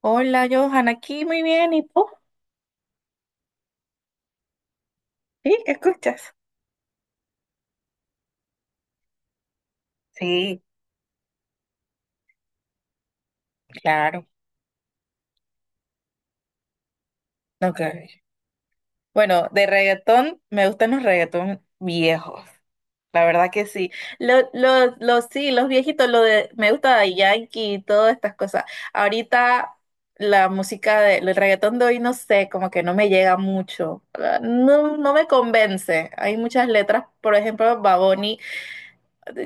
Hola, Johan, aquí muy bien, ¿y tú? ¿Sí? ¿Escuchas? Sí, claro. Ok. Bueno, de reggaetón, me gustan los reggaetón viejos. La verdad que sí. Sí, los viejitos, lo de, me gusta Daddy Yankee y todas estas cosas. Ahorita la música de, el reggaetón de hoy, no sé, como que no me llega mucho. Ah, no, no me convence. Hay muchas letras, por ejemplo, Baboni.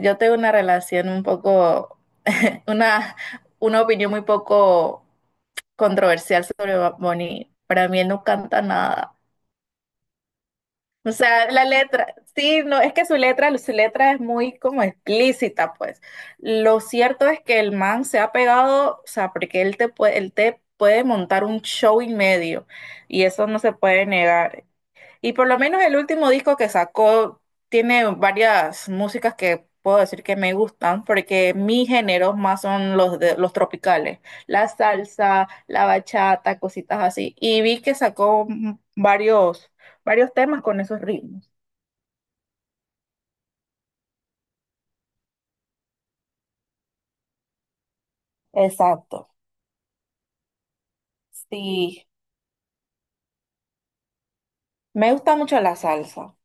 Yo tengo una relación un poco Una, una opinión muy poco controversial sobre Bad Bunny. Para mí él no canta nada. O sea, la letra, sí, no, es que su letra es muy como explícita, pues. Lo cierto es que el man se ha pegado, o sea, porque él te puede montar un show y medio, y eso no se puede negar. Y por lo menos el último disco que sacó tiene varias músicas que puedo decir que me gustan, porque mis géneros más son los de, los tropicales, la salsa, la bachata, cositas así. Y vi que sacó varios, varios temas con esos ritmos. Exacto. Sí, me gusta mucho la salsa.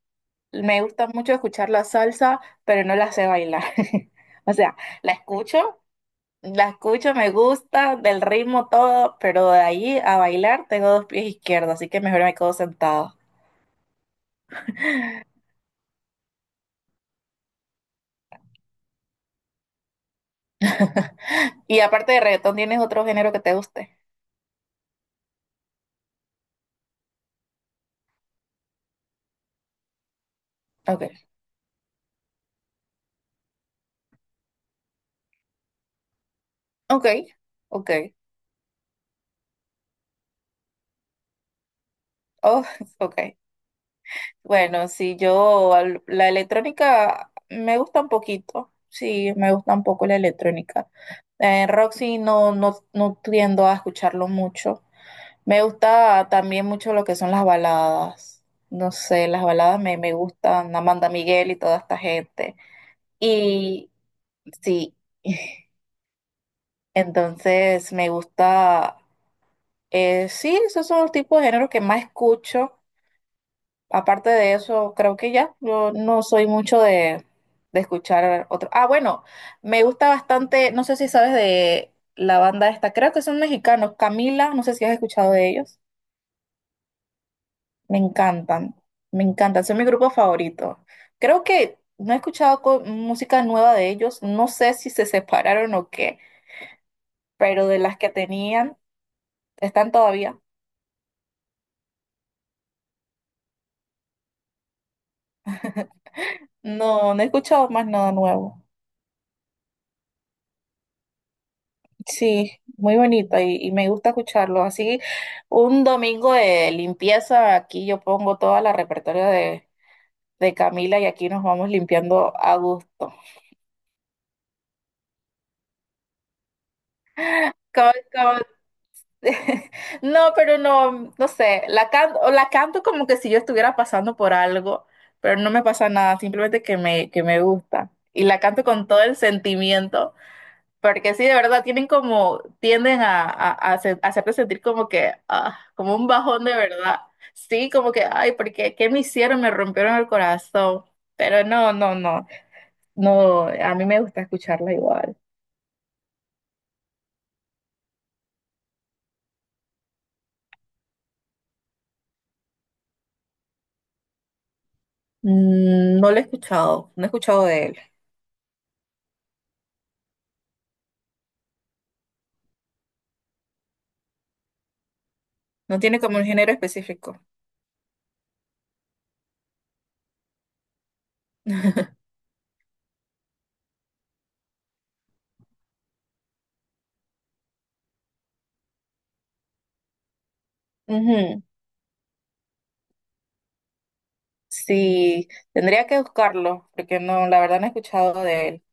Me gusta mucho escuchar la salsa, pero no la sé bailar. O sea, la escucho. La escucho, me gusta, del ritmo todo, pero de ahí a bailar tengo dos pies izquierdos, así que mejor me quedo sentado. Y aparte de reggaetón, ¿tienes otro género que te guste? Ok, ok, ok, oh, ok. Bueno, si yo, al- la electrónica me gusta un poquito, sí, me gusta un poco la electrónica. Rock sí, no, no, no tiendo a escucharlo mucho. Me gusta también mucho lo que son las baladas. No sé, las baladas me, me gustan, Amanda Miguel y toda esta gente. Y sí, entonces me gusta, sí, esos son los tipos de géneros que más escucho. Aparte de eso, creo que ya, yo no soy mucho de escuchar otro. Ah, bueno, me gusta bastante, no sé si sabes de la banda esta, creo que son mexicanos, Camila, no sé si has escuchado de ellos. Me encantan, me encantan, son mi grupo favorito. Creo que no he escuchado co- música nueva de ellos, no sé si se separaron o qué, pero de las que tenían, están todavía. No, no he escuchado más nada nuevo. Sí, muy bonito y me gusta escucharlo. Así, un domingo de limpieza, aquí yo pongo toda la repertorio de Camila y aquí nos vamos limpiando a gusto. Como, no, pero no, no sé, la canto como que si yo estuviera pasando por algo, pero no me pasa nada, simplemente que me gusta. Y la canto con todo el sentimiento, porque sí, de verdad, tienen como, tienden a hacer- a hacerte sentir como que, ah, como un bajón de verdad. Sí, como que, ay, porque, ¿qué me hicieron? Me rompieron el corazón. Pero no, no, no, no, a mí me gusta escucharla igual. Mm, no lo he escuchado, no he escuchado de él. No tiene como un género específico. Ujú. Sí, tendría que buscarlo, porque no, la verdad no he escuchado de él.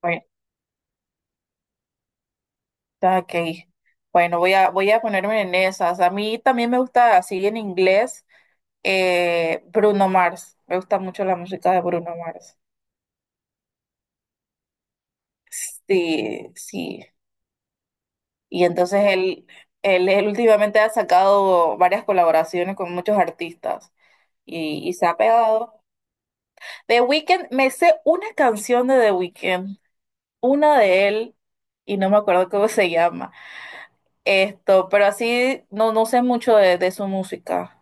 Bueno, está ok. Bueno, voy a, voy a ponerme en esas. A mí también me gusta, así en inglés, Bruno Mars. Me gusta mucho la música de Bruno Mars. Sí, sí. Y entonces él últimamente ha sacado varias colaboraciones con muchos artistas y se ha pegado. The Weeknd, me sé una canción de The Weeknd, una de él y no me acuerdo cómo se llama. Esto, pero así no, no sé mucho de su música.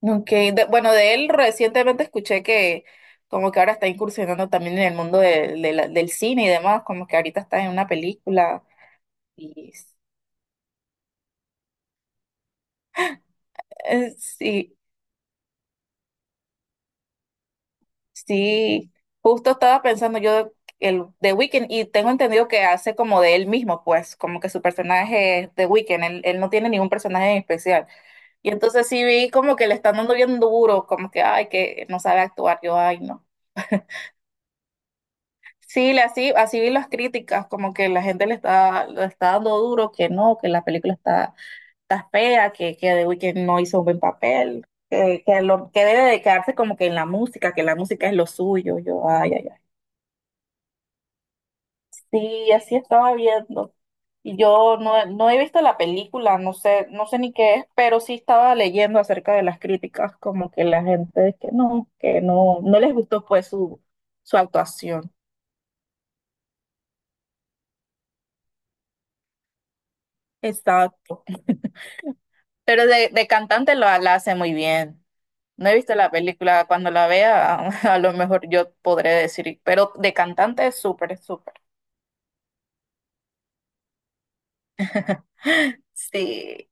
Nunca de- bueno, de él recientemente escuché que como que ahora está incursionando también en el mundo de la- del cine y demás, como que ahorita está en una película. Y sí, sí, justo estaba pensando yo el The Weeknd y tengo entendido que hace como de él mismo, pues, como que su personaje es The Weeknd, él no tiene ningún personaje en especial. Y entonces sí vi como que le están dando bien duro, como que, ay, que no sabe actuar, yo, ay, no. Sí, le- así, así vi las críticas, como que la gente le está dando duro, que no, que la película está, está fea, que The Weeknd no hizo un buen papel, que, lo, que debe de quedarse como que en la música, que la música es lo suyo, yo, ay, ay, ay. Sí, así estaba viendo. Y yo no, no he visto la película, no sé, no sé ni qué es, pero sí estaba leyendo acerca de las críticas, como que la gente es que no, no les gustó pues su actuación. Exacto. Pero de cantante lo, la hace muy bien. No he visto la película, cuando la vea, a, lo mejor yo podré decir, pero de cantante es súper, súper. Sí,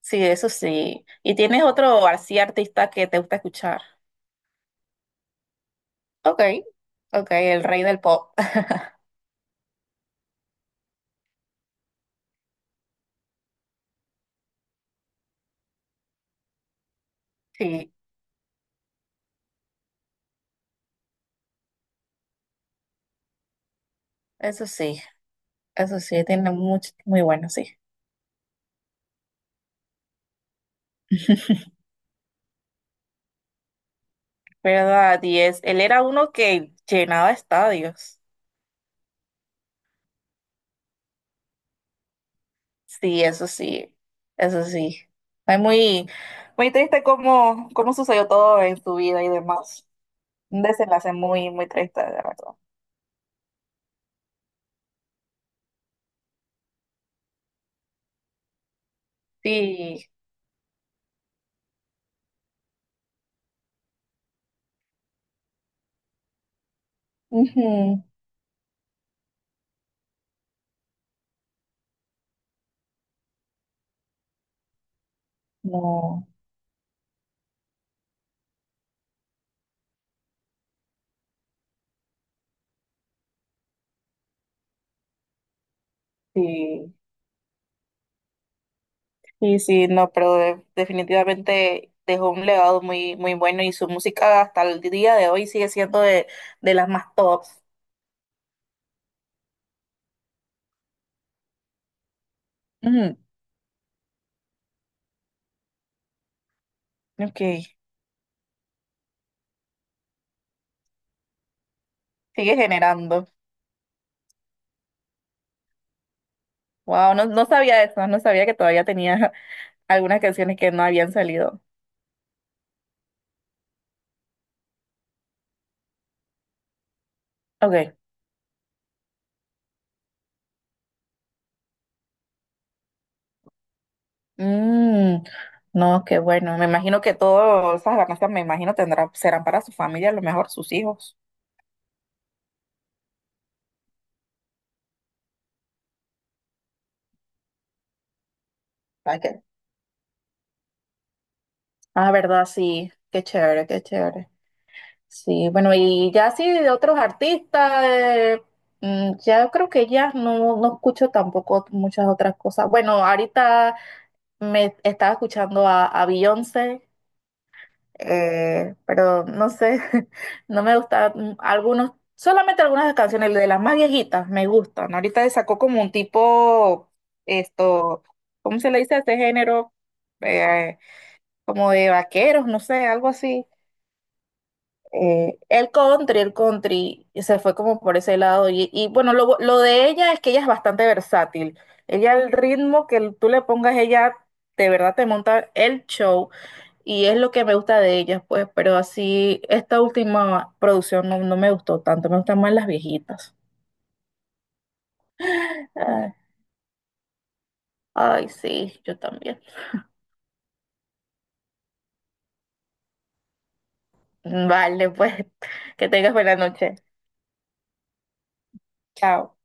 sí, eso sí. ¿Y tienes otro así artista que te gusta escuchar? Ok, ok, el rey del pop. Sí, eso sí. Eso sí, tiene mucho, muy bueno, sí. ¿Verdad? Y es, él era uno que llenaba estadios. Sí, eso sí, eso sí. Es muy, muy triste cómo, cómo sucedió todo en su vida y demás. Un desenlace muy, muy triste, de verdad. Sí, ujú, no, sí. Sí, sí, no, pero de- definitivamente dejó un legado muy, muy bueno y su música hasta el día de hoy sigue siendo de las más tops. Ujú. Ok. Sigue generando. Wow, no, no sabía eso, no sabía que todavía tenía algunas canciones que no habían salido. Okay. Mm, no, qué bueno. Me imagino que todas esas ganancias, me imagino, tendrá, serán para su familia, a lo mejor sus hijos. ¿Para qué? Ah, verdad, sí. Qué chévere, qué chévere. Sí, bueno, y ya sí de otros artistas, ya creo que ya no, no escucho tampoco muchas otras cosas. Bueno, ahorita me estaba escuchando a Beyoncé. Pero no sé, no me gusta algunos, solamente algunas canciones de las más viejitas me gustan. Ahorita sacó como un tipo, esto, ¿cómo se le dice a este género? Eh, Como de vaqueros, no sé, algo así. El country, el country, y se fue como por ese lado. Y bueno, lo de ella es que ella es bastante versátil. Ella, el ritmo que tú le pongas, ella de verdad te monta el show y es lo que me gusta de ellas, pues, pero así, esta última producción no, no me gustó tanto, me gustan más las viejitas. Ay, ay, sí, yo también. Vale, pues, que tengas buena noche. Chao.